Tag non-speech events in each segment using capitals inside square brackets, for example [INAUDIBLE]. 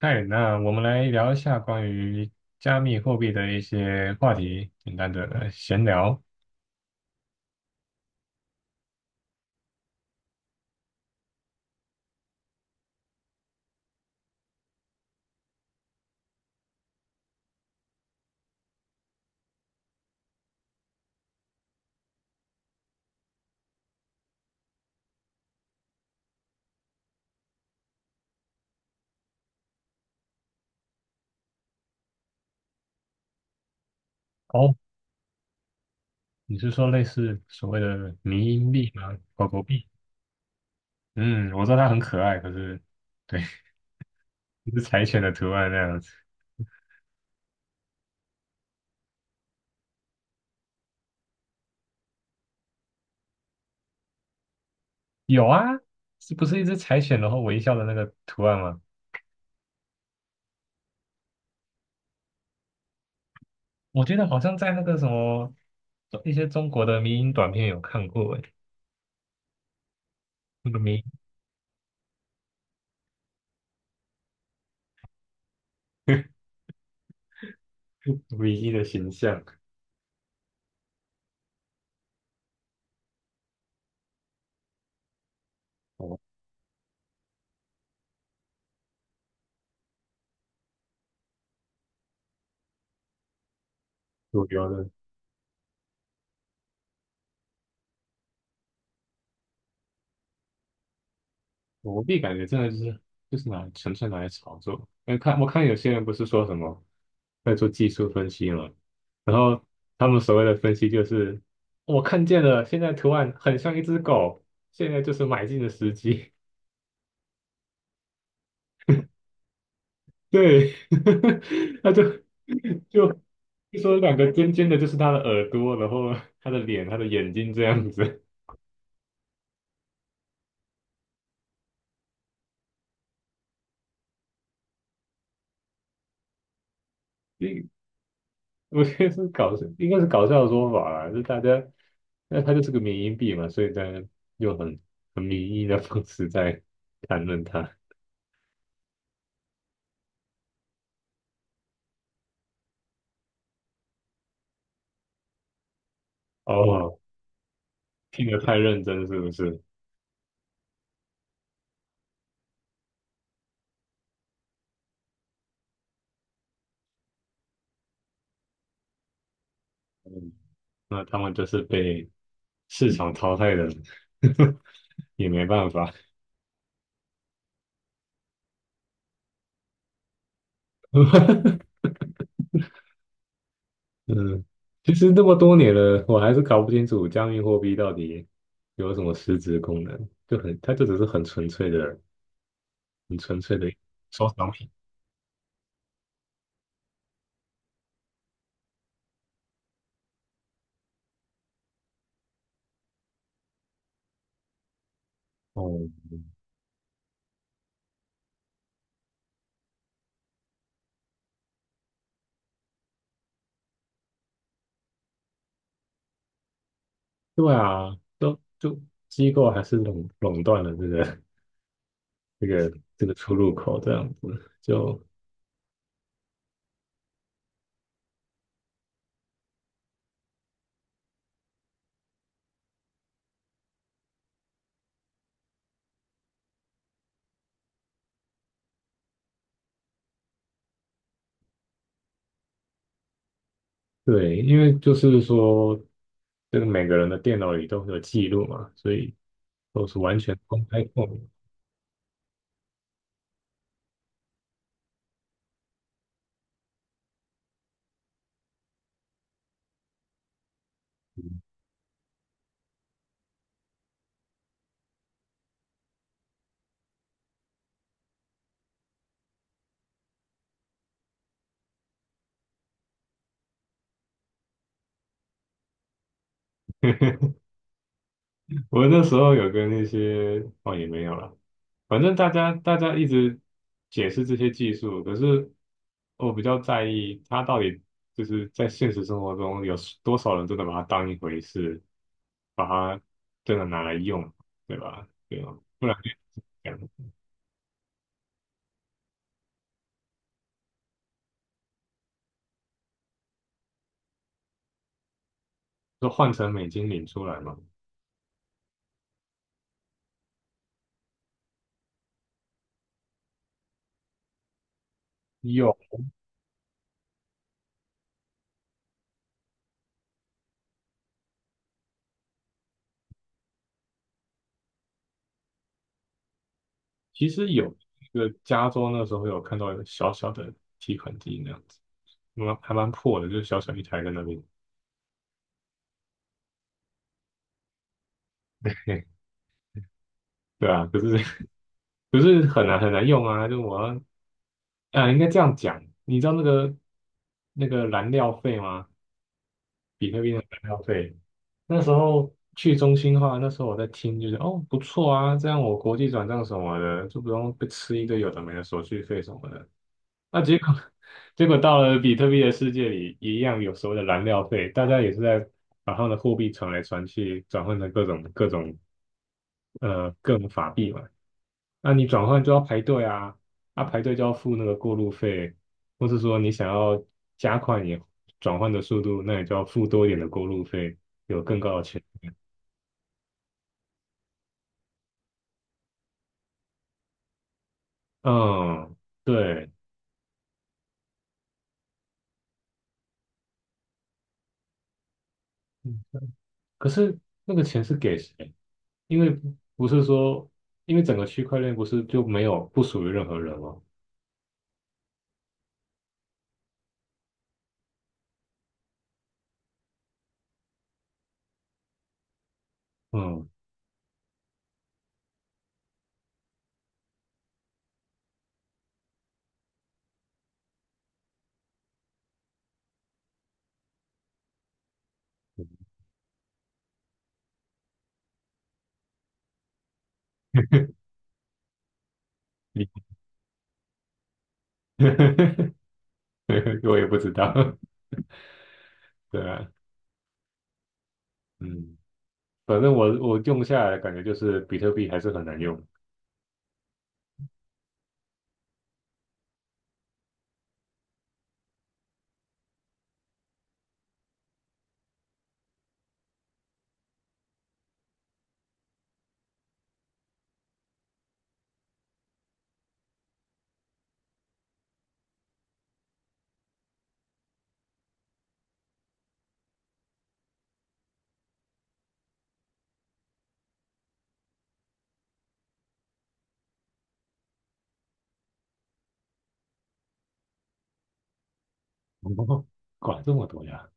嗨，那我们来聊一下关于加密货币的一些话题，简单的闲聊。哦，你是说类似所谓的迷因币吗？狗狗币？嗯，我知道它很可爱，可是对，[LAUGHS] 一只柴犬的图案那样子。有啊，是不是一只柴犬然后微笑的那个图案吗？我觉得好像在那个什么一些中国的迷因短片有看过诶，那个迷机 [LAUGHS] 的形象，哦，主流的。我币感觉真的就是拿纯粹拿来炒作。因为我看有些人不是说什么在做技术分析嘛，然后他们所谓的分析就是我看见了，现在图案很像一只狗，现在就是买进的时机。对，[LAUGHS] 他就就说两个尖尖的就是他的耳朵，然后他的脸、他的眼睛这样子。[LAUGHS] [LAUGHS] 我觉得是搞笑，应该是搞笑的说法啦，就大家，那它就是个缅因币嘛，所以大家用很民意的方式在谈论它。哦，听得太认真是不是？嗯，那他们就是被市场淘汰的人，[LAUGHS] 也没办法。[LAUGHS] 嗯，其实那么多年了，我还是搞不清楚加密货币到底有什么实质功能，就很，它就只是很纯粹的、很纯粹的收藏品。哦，对啊，都就机构还是垄断了这个 [LAUGHS] 这个出入口这样子，就对，因为就是说，这个每个人的电脑里都会有记录嘛，所以都是完全公开透明。我那时候有跟那些哦也没有了，反正大家一直解释这些技术，可是我比较在意它到底就是在现实生活中有多少人真的把它当一回事，把它真的拿来用，对吧？对吧？不然就讲就换成美金领出来嘛。有，其实有一个加州那时候有看到一个小小的提款机那样子，蛮还蛮破的，就是小小一台在那边。[LAUGHS] 对啊，可是不是很难用啊，就我要啊，应该这样讲，你知道那个燃料费吗？比特币的燃料费，那时候去中心化，那时候我在听，就是哦不错啊，这样我国际转账什么的就不用被吃一堆有的没的手续费什么的。那结果 [LAUGHS] 结果到了比特币的世界里，一样有所谓的燃料费，大家也是在把他们的货币传来传去，转换成各种各种法币嘛。那你转换就要排队啊，啊排队就要付那个过路费，或是说你想要加快你转换的速度，那你就要付多一点的过路费，有更高的钱。嗯，对，嗯，可是那个钱是给谁？因为不是说，因为整个区块链不是就没有不属于任何人吗？嗯，你 [LAUGHS] 我也不知道，[LAUGHS] 对啊，嗯，反正我用下来的感觉就是比特币还是很难用，[LAUGHS] 哦，管这么多呀。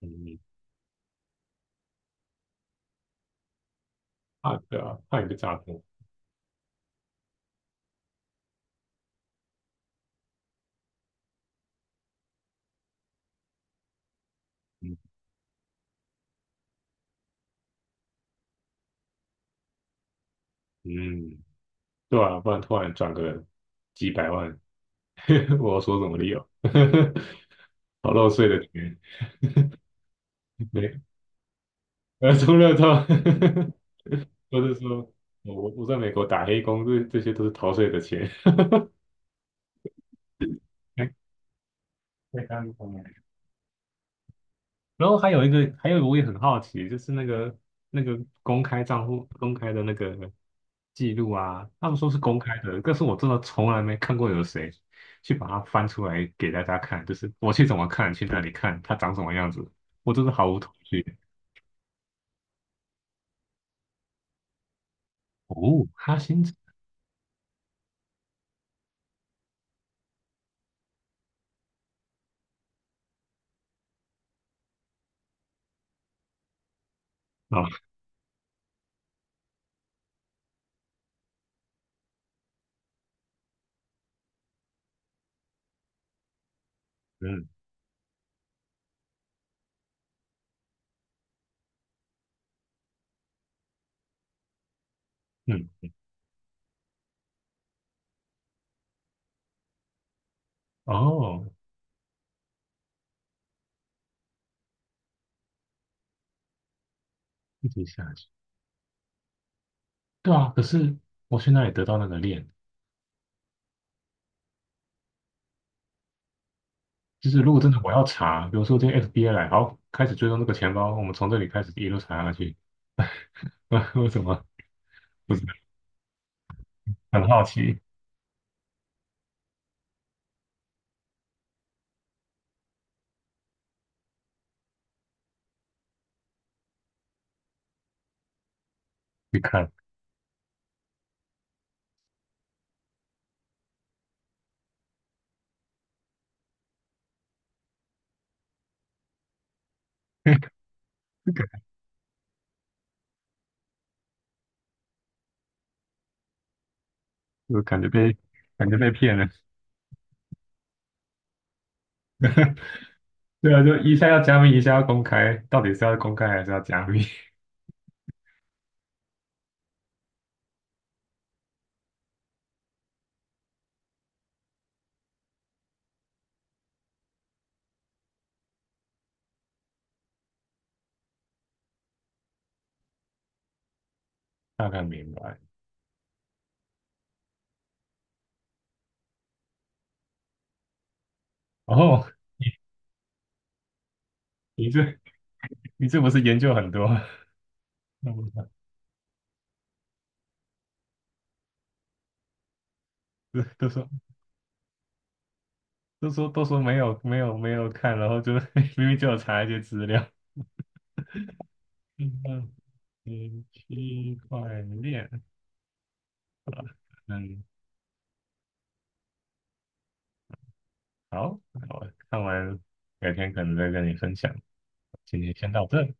嗯，啊，对啊，怕你被诈骗，嗯，嗯，对啊，不然突然转个几百万，[LAUGHS] 我要说什么理由？[LAUGHS] 好漏税的钱，没，呃，中乐透，[LAUGHS] 或是说我在美国打黑工，这些都是逃税的钱。[LAUGHS] 哎，太尴尬了。然后还有一个，还有一个我也很好奇，就是那个公开账户、公开的那个记录啊，他们说是公开的，但是我真的从来没看过有谁去把它翻出来给大家看，就是我去怎么看，去那里看，它长什么样子，我真的毫无头绪。哦，哈星子啊，嗯，嗯，哦，一直下去，对啊，可是我去哪里得到那个链？就是如果真的我要查，比如说今天 FBI 来，好，开始追踪这个钱包，我们从这里开始一路查下去。[LAUGHS] 为什么？不是很好奇去看，[LAUGHS] 就感觉被骗了。对啊，就一下要加密，一下要公开，到底是要公开还是要加密？[LAUGHS] 大概明白。哦，你这不是研究很多？[LAUGHS] 那我想都都说都说没有没有没有看，然后就 [LAUGHS] 明明就有查一些资料。嗯，嗯区块链，嗯，好，那我看完，改天可能再跟你分享。今天先到这。